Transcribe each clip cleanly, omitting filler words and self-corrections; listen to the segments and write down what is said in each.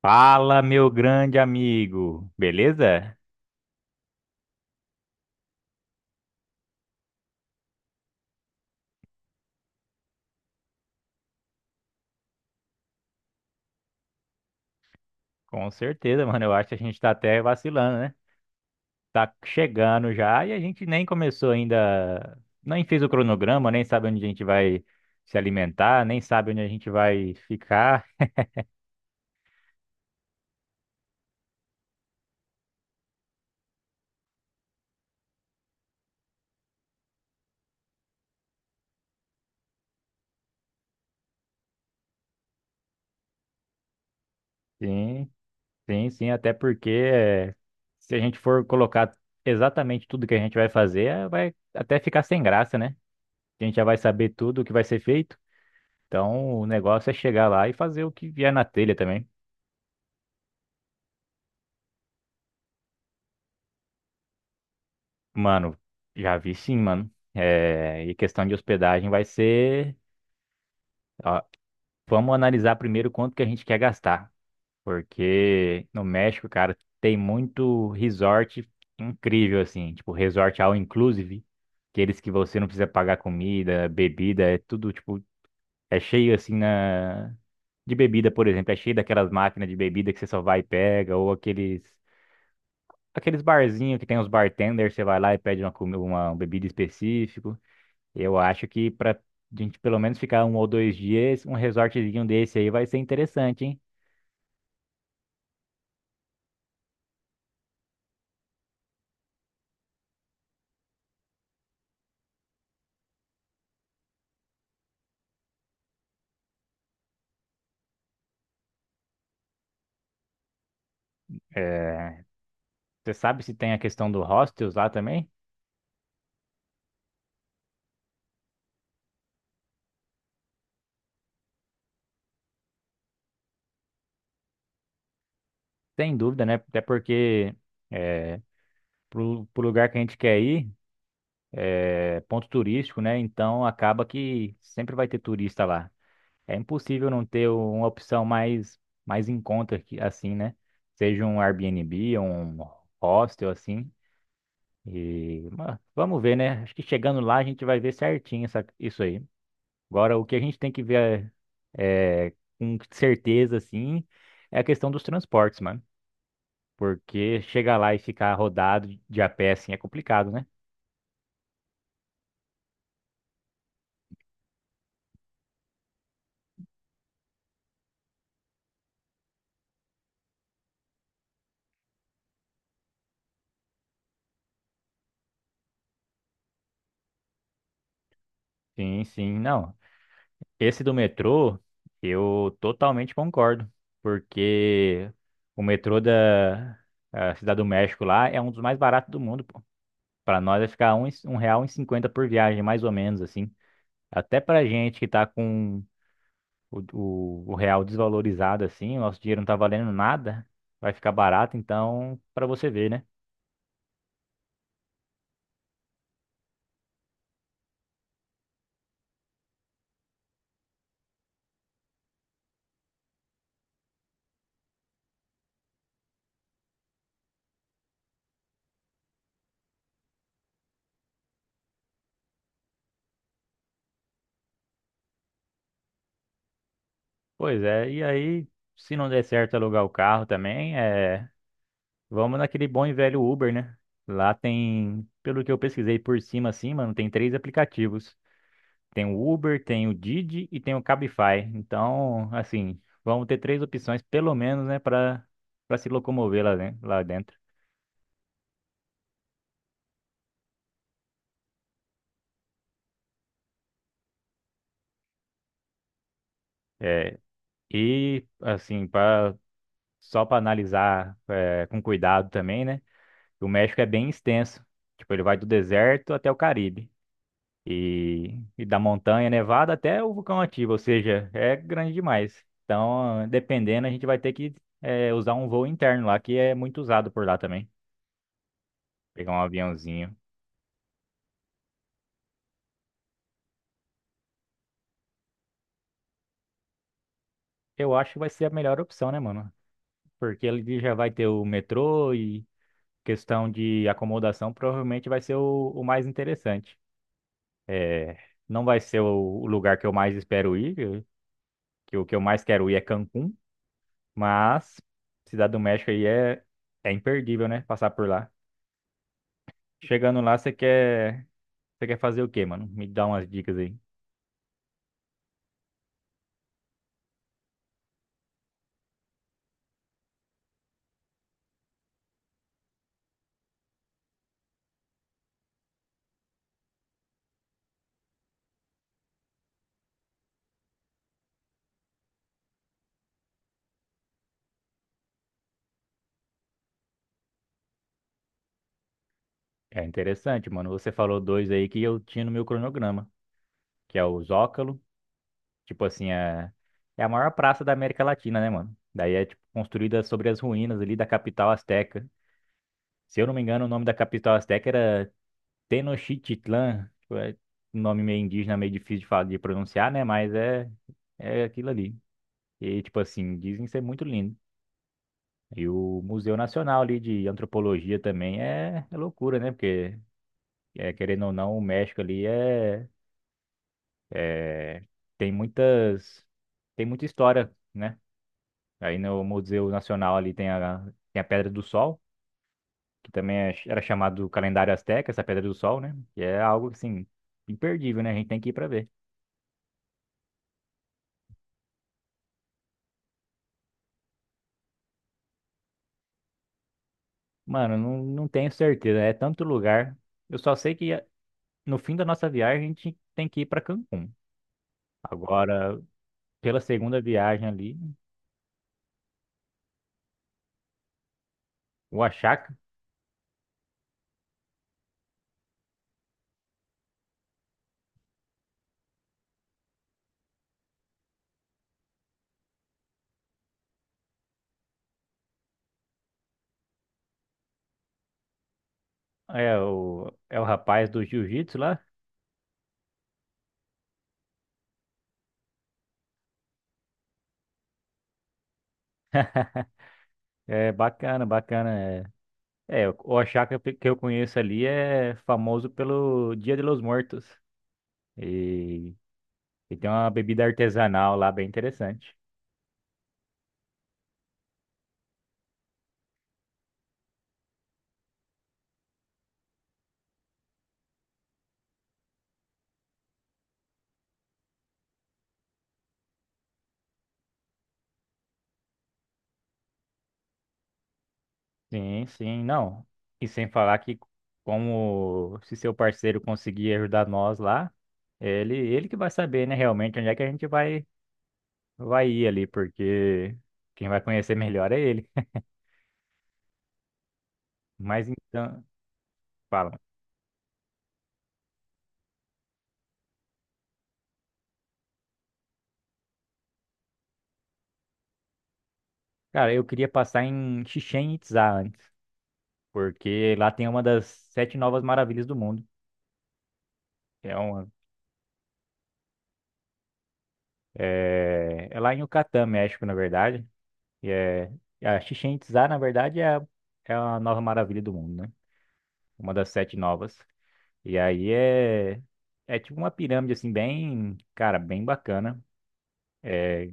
Fala, meu grande amigo. Beleza? Com certeza, mano. Eu acho que a gente tá até vacilando, né? Tá chegando já e a gente nem começou ainda, nem fez o cronograma, nem sabe onde a gente vai se alimentar, nem sabe onde a gente vai ficar. Sim, sim, sim. Até porque se a gente for colocar exatamente tudo que a gente vai fazer, vai até ficar sem graça, né? A gente já vai saber tudo o que vai ser feito. Então, o negócio é chegar lá e fazer o que vier na telha também. Mano, já vi sim, mano. É, e questão de hospedagem vai ser. Ó, vamos analisar primeiro quanto que a gente quer gastar. Porque no México, cara, tem muito resort incrível, assim. Tipo, resort all inclusive. Aqueles que você não precisa pagar comida, bebida, é tudo, tipo, é cheio assim na. De bebida, por exemplo, é cheio daquelas máquinas de bebida que você só vai e pega, ou aqueles. Aqueles barzinhos que tem os bartenders, você vai lá e pede uma bebida específica. Eu acho que para a gente pelo menos ficar um ou dois dias, um resortzinho desse aí vai ser interessante, hein? É, você sabe se tem a questão do hostels lá também? Sem dúvida, né? Até porque é, pro lugar que a gente quer ir, é ponto turístico, né? Então acaba que sempre vai ter turista lá. É impossível não ter uma opção mais, mais em conta assim, né? Seja um Airbnb, um hostel assim. E, mas vamos ver, né? Acho que chegando lá a gente vai ver certinho isso aí. Agora, o que a gente tem que ver é, com certeza, assim, é a questão dos transportes, mano. Porque chegar lá e ficar rodado de a pé, assim, é complicado, né? Sim, sim, não. Esse do metrô, eu totalmente concordo. Porque o metrô da a Cidade do México lá é um dos mais baratos do mundo, pô. Pra nós vai ficar R$ 1,50 por viagem, mais ou menos, assim. Até pra gente que tá com o real desvalorizado assim, o nosso dinheiro não tá valendo nada, vai ficar barato, então, pra você ver, né? Pois é, e aí, se não der certo alugar o carro também, é, vamos naquele bom e velho Uber, né? Lá tem, pelo que eu pesquisei por cima assim, mano, tem três aplicativos. Tem o Uber, tem o Didi e tem o Cabify. Então, assim, vamos ter três opções pelo menos, né, para se locomover lá, lá dentro. É, e assim, para só para analisar é, com cuidado também, né? O México é bem extenso. Tipo, ele vai do deserto até o Caribe. E da montanha nevada até o vulcão ativo, ou seja, é grande demais. Então, dependendo, a gente vai ter que usar um voo interno lá, que é muito usado por lá também. Pegar um aviãozinho. Eu acho que vai ser a melhor opção, né, mano? Porque ele já vai ter o metrô e questão de acomodação, provavelmente vai ser o mais interessante. É, não vai ser o lugar que eu mais espero ir, que o que eu mais quero ir é Cancún, mas Cidade do México aí é, é imperdível, né? Passar por lá. Chegando lá, você quer fazer o quê, mano? Me dá umas dicas aí. É interessante, mano. Você falou dois aí que eu tinha no meu cronograma, que é o Zócalo, tipo assim, é, é a maior praça da América Latina, né, mano? Daí é tipo, construída sobre as ruínas ali da capital asteca. Se eu não me engano, o nome da capital asteca era Tenochtitlán, tipo, é um nome meio indígena, meio difícil de falar, de pronunciar, né? Mas é, é aquilo ali. E, tipo assim, dizem ser muito lindo. E o Museu Nacional ali de Antropologia também é, é loucura, né? Porque, é, querendo ou não, o México ali é, é- tem muitas, tem muita história, né? Aí no Museu Nacional ali tem tem a Pedra do Sol, que também era chamado Calendário Azteca, essa Pedra do Sol, né? Que é algo, assim, imperdível, né? A gente tem que ir pra ver. Mano, não, não tenho certeza. É tanto lugar. Eu só sei que no fim da nossa viagem a gente tem que ir para Cancún. Agora, pela segunda viagem ali, o Achaka é o, é o rapaz do jiu-jitsu lá. É bacana, bacana. É, é o Achaka que eu conheço ali é famoso pelo Dia de los Muertos. E, e tem uma bebida artesanal lá bem interessante. Sim, sim, não. E sem falar que como se seu parceiro conseguir ajudar nós lá, ele que vai saber, né, realmente onde é que a gente vai ir ali, porque quem vai conhecer melhor é ele. Mas então, fala. Cara, eu queria passar em Chichén Itzá antes, porque lá tem uma das sete novas maravilhas do mundo. É lá em Yucatán, México, na verdade. E é a Chichén Itzá, na verdade, é a nova maravilha do mundo, né? Uma das sete novas. E aí é, é tipo uma pirâmide, assim, bem, cara, bem bacana. É,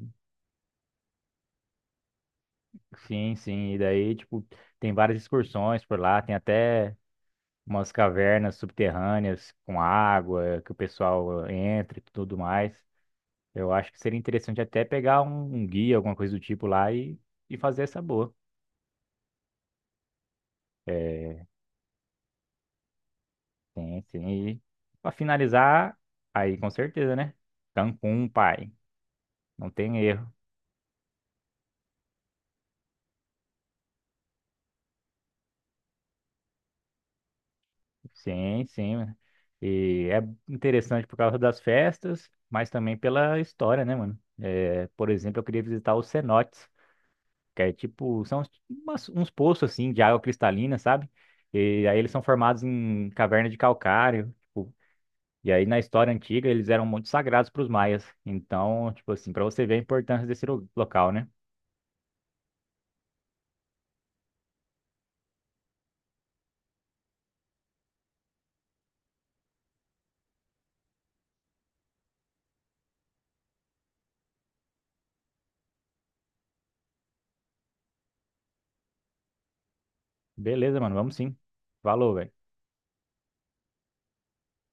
sim, sim. E daí, tipo, tem várias excursões por lá, tem até umas cavernas subterrâneas com água que o pessoal entra e tudo mais. Eu acho que seria interessante até pegar um guia, alguma coisa do tipo lá e fazer essa boa. É, sim, sim. E pra finalizar, aí com certeza, né? Cancún, pai. Não tem erro. Sim, sim, mano. E é interessante por causa das festas, mas também pela história, né, mano? É, por exemplo, eu queria visitar os cenotes, que é tipo, são uns poços assim de água cristalina, sabe? E aí eles são formados em caverna de calcário, tipo, e aí na história antiga eles eram muito sagrados para os maias. Então, tipo assim, para você ver a importância desse local, né? Beleza, mano, vamos sim. Falou, velho.